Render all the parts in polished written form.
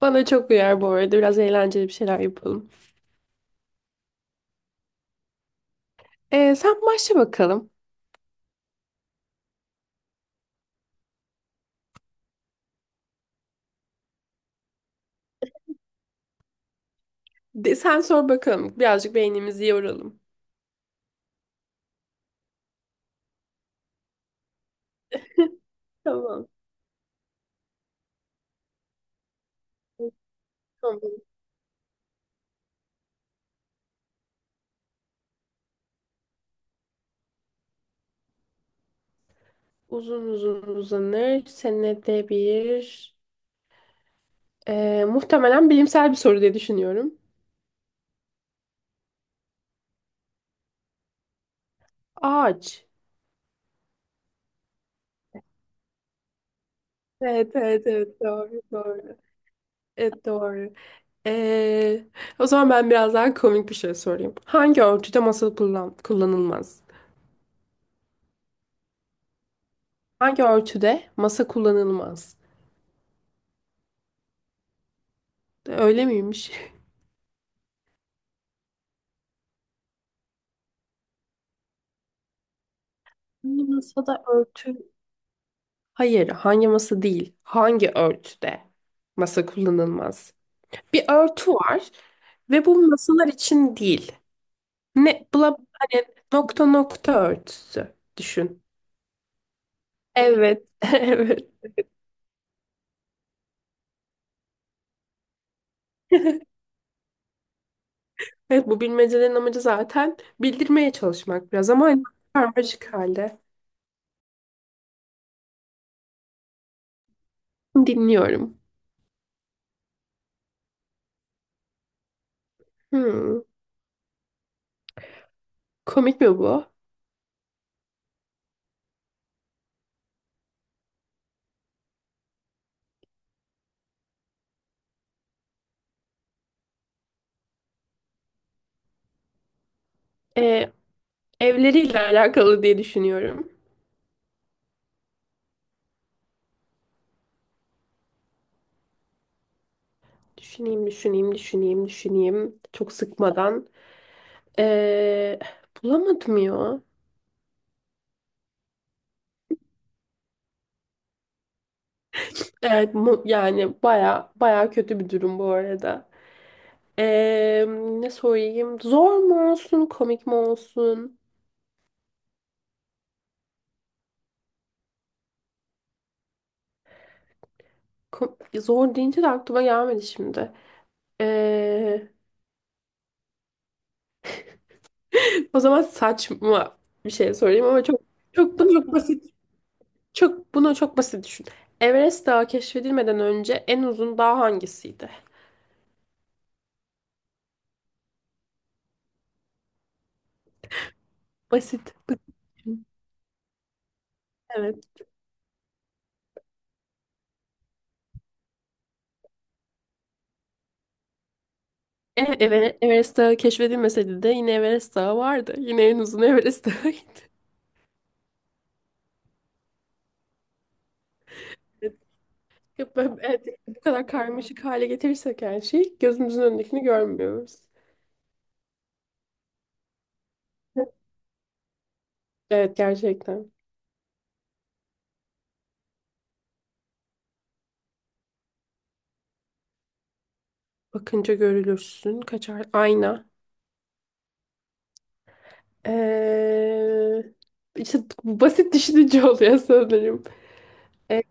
Bana çok uyar bu arada. Biraz eğlenceli bir şeyler yapalım. Sen başla bakalım. Sen sor bakalım. Birazcık beynimizi yoralım. Tamam. Tamam. Uzun uzun uzanır. Senede bir. Muhtemelen bilimsel bir soru diye düşünüyorum. Ağaç. Evet, evet, evet. Doğru, doğru. Evet, doğru. Ee, O zaman ben biraz daha komik bir şey sorayım. Hangi örtüde masa kullan kullanılmaz? Hangi örtüde masa kullanılmaz? Öyle miymiş? Hangi masada örtü? Hayır, hangi masa değil. Hangi örtüde masa kullanılmaz? Bir örtü var ve bu masalar için değil. Ne bla Hani nokta nokta örtüsü düşün. Evet, evet. Evet, bu bilmecelerin amacı zaten bildirmeye çalışmak biraz, ama hani karmaşık halde. Dinliyorum. Hmm, komik mi bu? Ee, Evleriyle alakalı diye düşünüyorum. Düşüneyim, düşüneyim, düşüneyim, düşüneyim. Çok sıkmadan. Ee, Bulamadım ya. Evet, yani baya baya kötü bir durum bu arada. Ee, Ne sorayım? Zor mu olsun, komik mi olsun? Zor deyince de aklıma gelmedi şimdi. Ee, O zaman saçma bir şey sorayım ama çok çok bunu çok basit. Çok bunu çok basit düşün. Everest Dağı keşfedilmeden önce en uzun dağ hangisiydi? Basit. Basit. Evet. Everest Dağı keşfedilmeseydi de yine Everest Dağı vardı. Yine en uzun Everest Dağı'ydı. Evet, evet, bu kadar karmaşık hale getirirsek her şeyi, gözümüzün önündekini görmüyoruz. Evet, gerçekten. Bakınca görülürsün. Kaçar ayna. Ee, işte basit düşününce oluyor sanırım. Ee,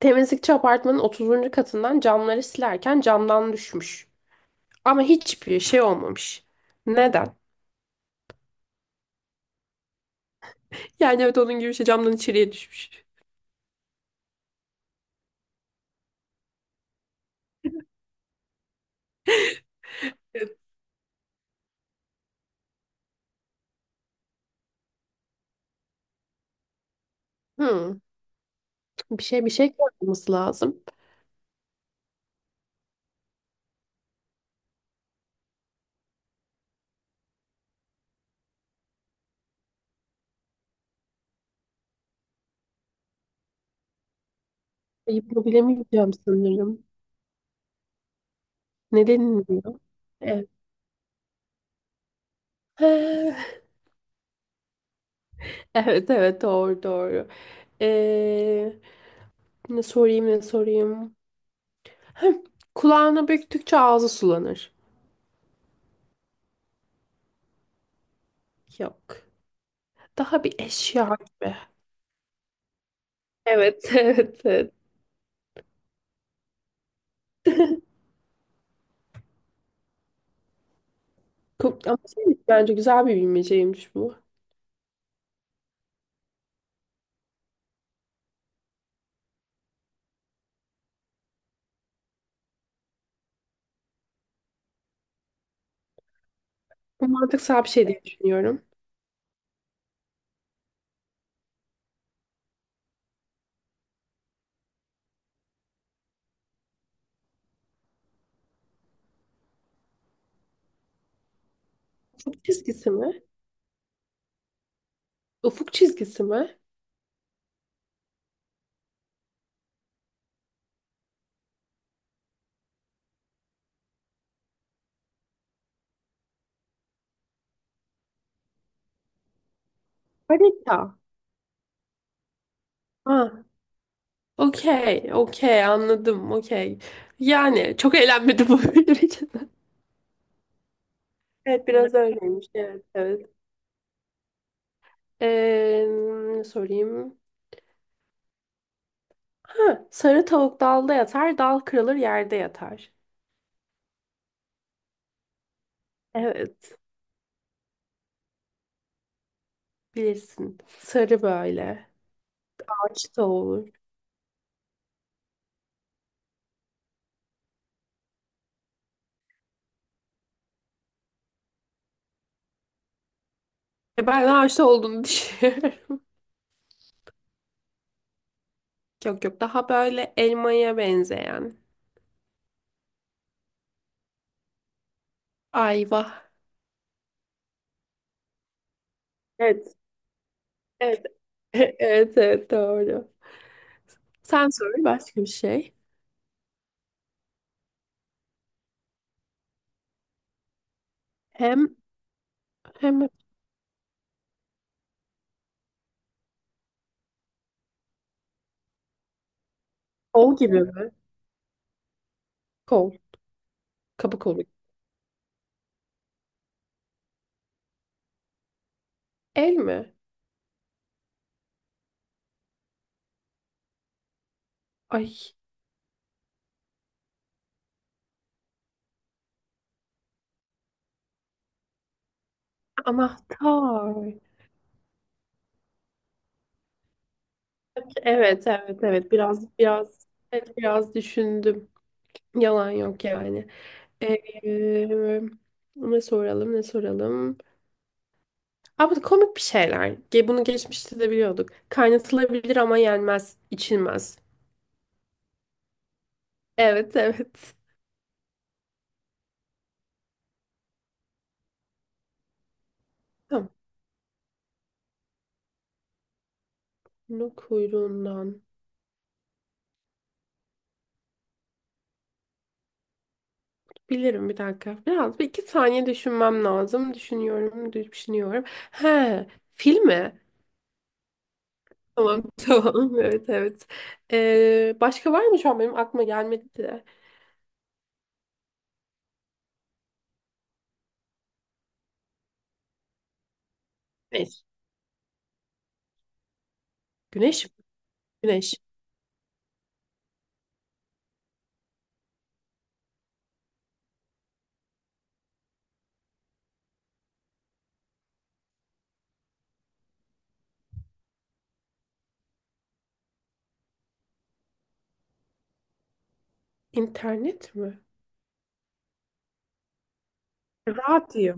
Temizlikçi apartmanın 30. katından camları silerken camdan düşmüş. Ama hiçbir şey olmamış. Neden? Yani evet, onun gibi bir şey, camdan içeriye düşmüş. Hmm, bir şey yapmamız lazım. Yapabilemeyeceğim sanırım. Neden diyor? Evet. Evet, evet, doğru, doğru. Ee, ne sorayım ne sorayım. Heh, kulağına büktükçe ağzı sulanır. Yok. Daha bir eşya gibi. Evet, evet, evet. Ama şey, bence güzel bir bilmeceymiş bu. Bu mantıksal bir şey diye düşünüyorum. Ufuk çizgisi mi? Ufuk çizgisi mi? Harita. Ha, okey, okey, anladım, okey. Yani çok eğlenmedim bu yüzden. Evet, biraz öyleymiş. Evet, evet. Ee, Ne sorayım. Ha, sarı tavuk dalda yatar, dal kırılır yerde yatar. Evet, bilirsin. Sarı böyle. Ağaçta olur. Ben ağaçta olduğunu düşünüyorum. Yok, yok, daha böyle elmaya benzeyen. Ayva. Evet, evet. Evet, evet, doğru. Sen sor başka bir şey. Hem hem kol gibi mi? Kol. Kapı kolu. El mi? Ay, anahtar. Evet, evet, evet. Biraz, biraz, evet, biraz düşündüm. Yalan yok yani. Ee, Ne soralım, ne soralım? Abi komik bir şeyler. Bunu geçmişte de biliyorduk. Kaynatılabilir ama yenmez, içilmez. Evet, evet. Tamam. Bunu kuyruğundan. Bilirim, bir dakika. Biraz 1 2 saniye düşünmem lazım. Düşünüyorum, düşünüyorum. He, fil mi? Tamam, tamam, evet, evet. Başka var mı, şu an benim aklıma gelmedi de. Güneş. Güneş mi? Güneş. İnternet mi? Radyo.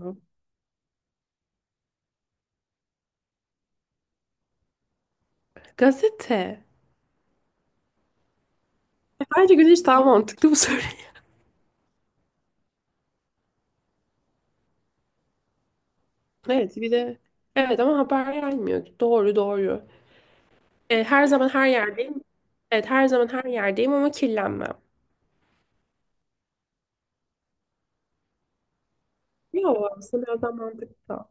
Gazete. Bence güneş daha mantıklı bu soru. Evet, bir de evet, ama haber gelmiyor. Doğru, doğru. Her zaman her yerdeyim. Evet, her zaman her yerdeyim ama kirlenmem. Yok, aslında biraz daha mantıklı.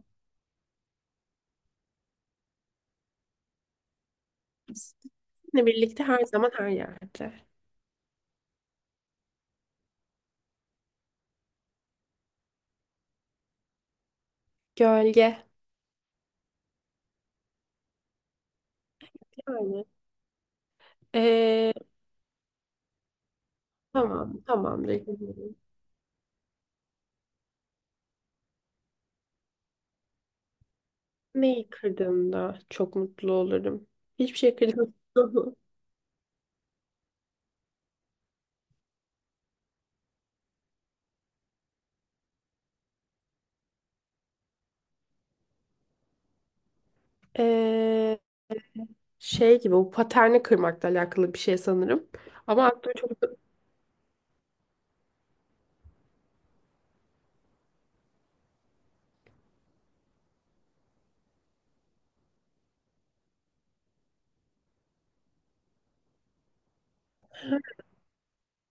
Sizinle birlikte her zaman her yerde. Gölge. Yani. Ee, tamam, tamamdır. Neyi kırdığımda çok mutlu olurum. Hiçbir şey kırdığımda. Ee, Şey gibi, o paterni kırmakla alakalı bir şey sanırım. Ama aklıma çok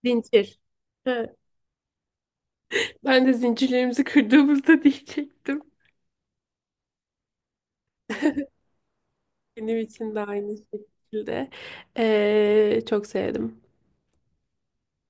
zincir. He, ben de zincirlerimizi kırdığımızda diyecektim. Benim için de aynı şekilde. Çok sevdim.